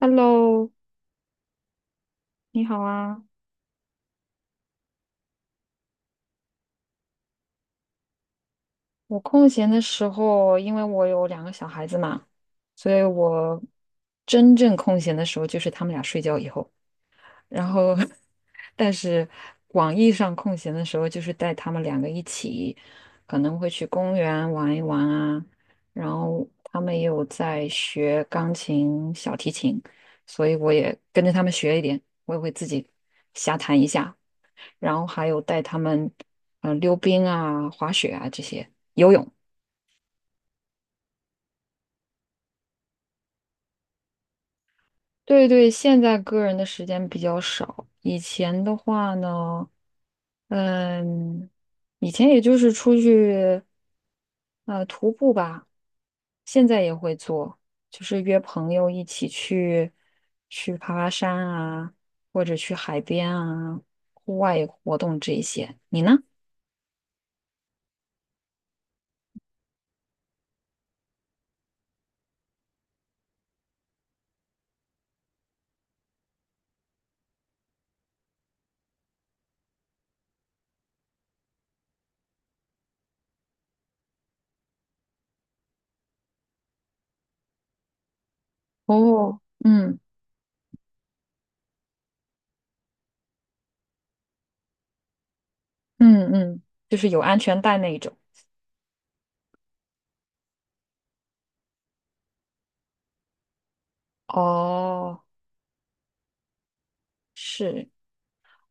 Hello,你好啊！我空闲的时候，因为我有两个小孩子嘛，所以我真正空闲的时候就是他们俩睡觉以后，然后，但是广义上空闲的时候，就是带他们两个一起，可能会去公园玩一玩啊，然后他们也有在学钢琴、小提琴，所以我也跟着他们学一点，我也会自己瞎弹一下。然后还有带他们溜冰啊、滑雪啊这些，游泳。对对，现在个人的时间比较少，以前的话呢，嗯，以前也就是出去徒步吧，现在也会做，就是约朋友一起去爬爬山啊，或者去海边啊，户外活动这一些。你呢？哦，嗯嗯嗯，就是有安全带那一种。哦，是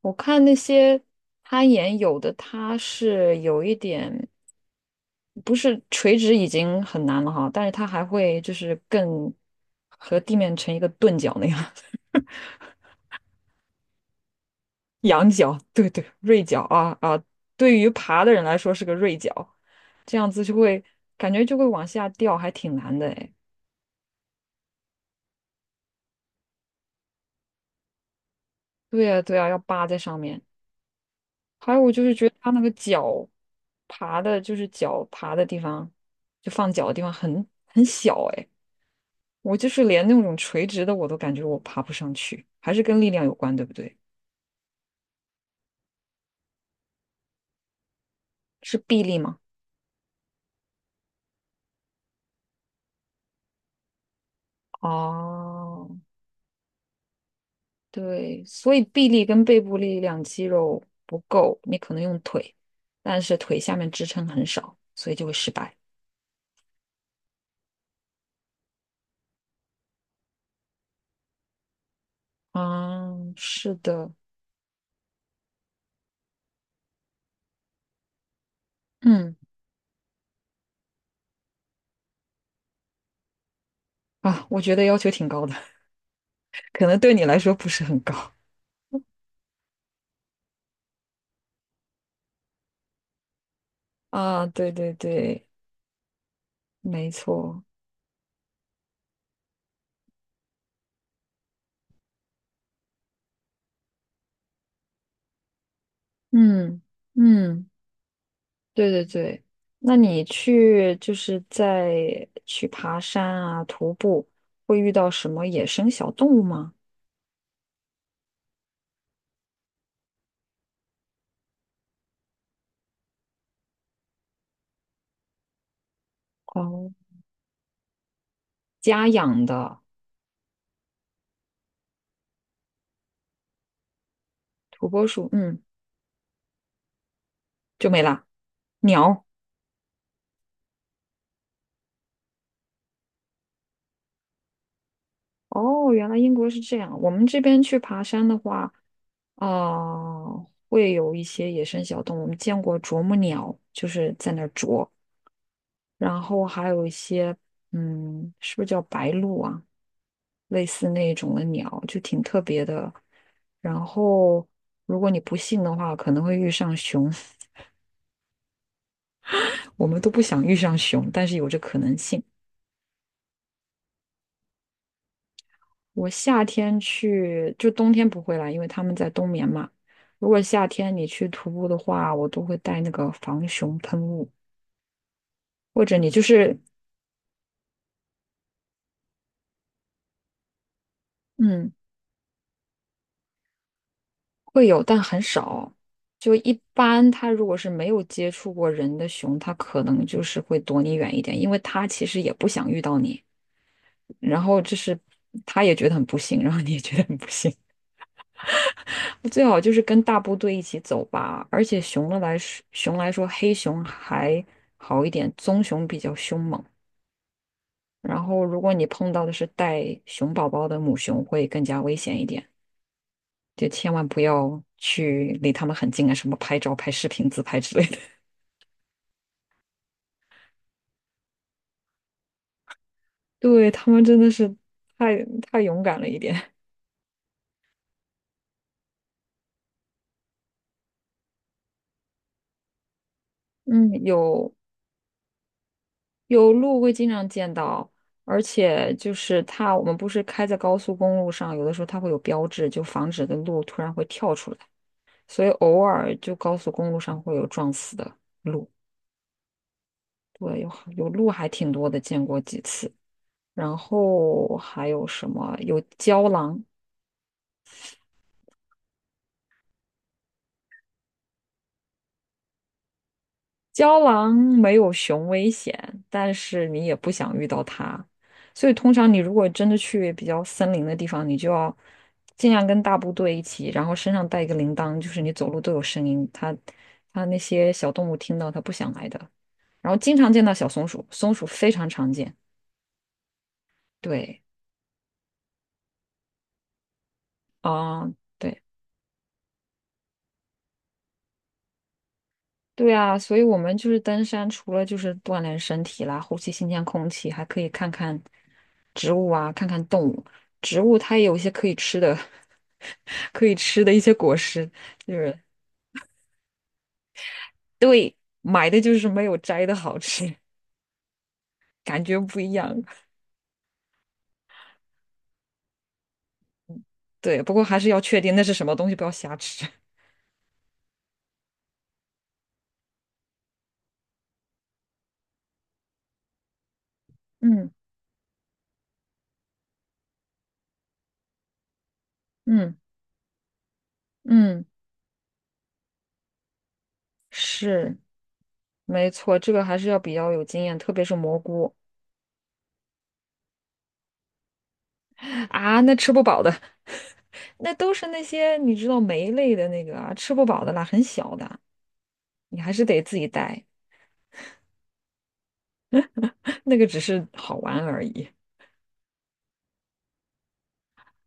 我看那些攀岩，有的它是有一点，不是垂直已经很难了哈，但是它还会就是更和地面成一个钝角那样，仰角，对对，锐角啊啊，对于爬的人来说是个锐角，这样子就会感觉就会往下掉，还挺难的哎。对呀对呀，要扒在上面。还有我就是觉得他那个脚爬的，就是脚爬的地方，就放脚的地方很小哎，我就是连那种垂直的我都感觉我爬不上去，还是跟力量有关，对不对？是臂力吗？哦，对，所以臂力跟背部力量肌肉不够，你可能用腿，但是腿下面支撑很少，所以就会失败。啊，是的，嗯，啊，我觉得要求挺高的，可能对你来说不是很高。啊，对对对。没错，嗯嗯对对对。那你去就是在去爬山啊、徒步，会遇到什么野生小动物吗？哦，家养的土拨鼠，嗯，就没啦。鸟，哦，原来英国是这样。我们这边去爬山的话，啊、会有一些野生小动物。我们见过啄木鸟，就是在那儿啄，然后还有一些，嗯，是不是叫白鹭啊？类似那种的鸟，就挺特别的。然后，如果你不信的话，可能会遇上熊。我们都不想遇上熊，但是有这可能性。我夏天去，就冬天不会来，因为他们在冬眠嘛。如果夏天你去徒步的话，我都会带那个防熊喷雾，或者你就是，嗯，会有，但很少。就一般，它如果是没有接触过人的熊，它可能就是会躲你远一点，因为它其实也不想遇到你。然后就是它也觉得很不幸，然后你也觉得很不幸。最好就是跟大部队一起走吧。而且熊的来说，熊来说，黑熊还好一点，棕熊比较凶猛。然后如果你碰到的是带熊宝宝的母熊，会更加危险一点。就千万不要去离他们很近啊，什么拍照、拍视频、自拍之类对，他们真的是太勇敢了一点。嗯，有鹿会经常见到，而且就是它，我们不是开在高速公路上，有的时候它会有标志，就防止的鹿突然会跳出来，所以偶尔就高速公路上会有撞死的鹿。对，有鹿还挺多的，见过几次。然后还有什么？有郊狼，郊狼没有熊危险，但是你也不想遇到它，所以通常你如果真的去比较森林的地方，你就要尽量跟大部队一起，然后身上带一个铃铛，就是你走路都有声音，它那些小动物听到它不想来的。然后经常见到小松鼠，松鼠非常常见。对，啊、对，对啊，所以我们就是登山，除了就是锻炼身体啦，呼吸新鲜空气，还可以看看植物啊，看看动物。植物它也有一些可以吃的，可以吃的一些果实，就是买的就是没有摘的好吃，感觉不一样。对，不过还是要确定那是什么东西，不要瞎吃。嗯嗯嗯，是没错，这个还是要比较有经验，特别是蘑菇啊，那吃不饱的。那都是那些你知道酶类的那个啊，吃不饱的啦，很小的，你还是得自己带。那个只是好玩而已。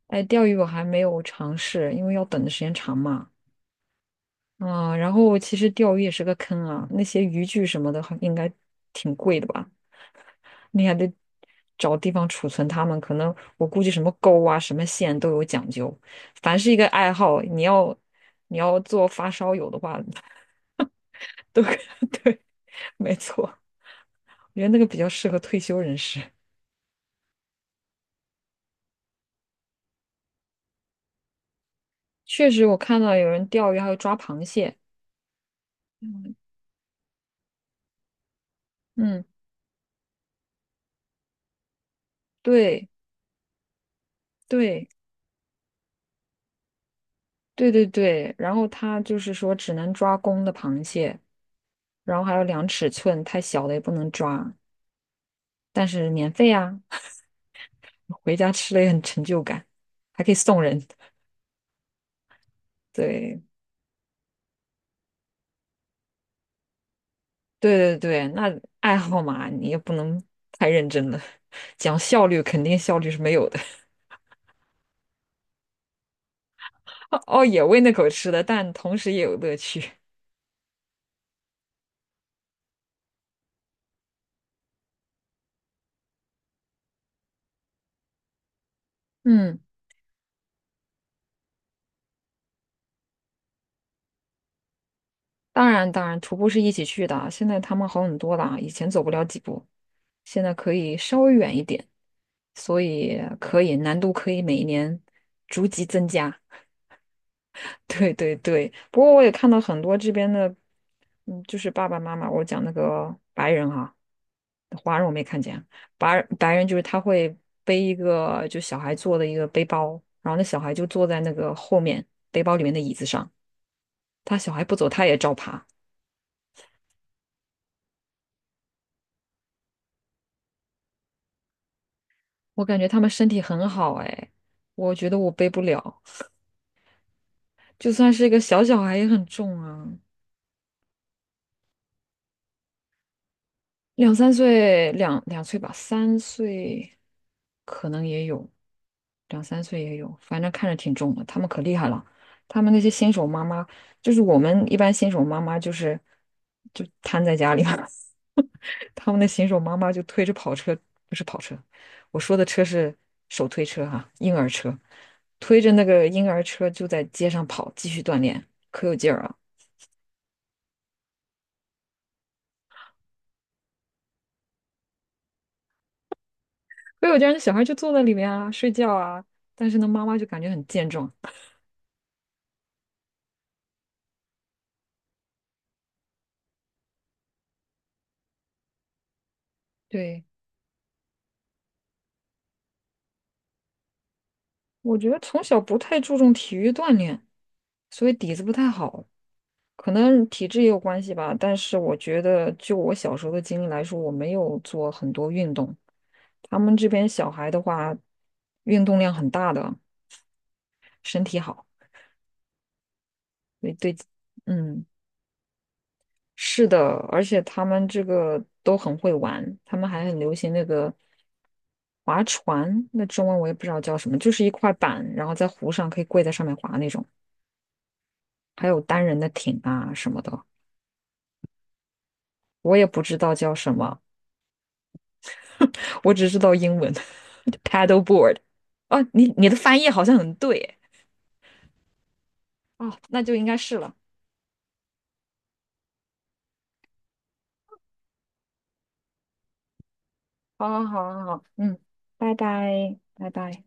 哎，钓鱼我还没有尝试，因为要等的时间长嘛。嗯，然后其实钓鱼也是个坑啊，那些渔具什么的还应该挺贵的吧？你还得找地方储存它们，可能我估计什么钩啊、什么线都有讲究。凡是一个爱好，你要做发烧友的话，都 对，没错。我觉得那个比较适合退休人士。确实，我看到有人钓鱼，还有抓螃蟹。嗯，嗯对对对对对。然后他就是说，只能抓公的螃蟹，然后还有量尺寸，太小的也不能抓。但是免费啊，回家吃了也很成就感，还可以送人。对对对对，那爱好嘛，你也不能太认真了，讲效率肯定效率是没有的。哦，也喂那口吃的，但同时也有乐趣。嗯。当然，当然，徒步是一起去的啊。现在他们好很多了啊，以前走不了几步，现在可以稍微远一点，所以可以难度可以每一年逐级增加。对对对，不过我也看到很多这边的，嗯，就是爸爸妈妈，我讲那个白人哈、华人我没看见，白人就是他会背一个就小孩坐的一个背包，然后那小孩就坐在那个后面背包里面的椅子上，他小孩不走，他也照爬。我感觉他们身体很好哎，我觉得我背不了，就算是一个小小孩也很重啊。两三岁，两岁吧，三岁可能也有，两三岁也有，反正看着挺重的。他们可厉害了，他们那些新手妈妈，我们一般新手妈妈就瘫在家里嘛，他们的新手妈妈就推着跑车，不是跑车，我说的车是手推车哈、婴儿车，推着那个婴儿车就在街上跑，继续锻炼，可有劲儿啊！可有劲儿，那小孩就坐在里面啊，睡觉啊，但是呢，妈妈就感觉很健壮。对，我觉得从小不太注重体育锻炼，所以底子不太好，可能体质也有关系吧。但是我觉得，就我小时候的经历来说，我没有做很多运动。他们这边小孩的话，运动量很大的，身体好，对对，嗯，是的，而且他们这个都很会玩，他们还很流行那个划船，那中文我也不知道叫什么，就是一块板，然后在湖上可以跪在上面划那种。还有单人的艇啊什么的，我也不知道叫什么，我只知道英文 paddleboard。哦，你的翻译好像很对哦，那就应该是了。好好好好好，嗯，拜拜，拜拜。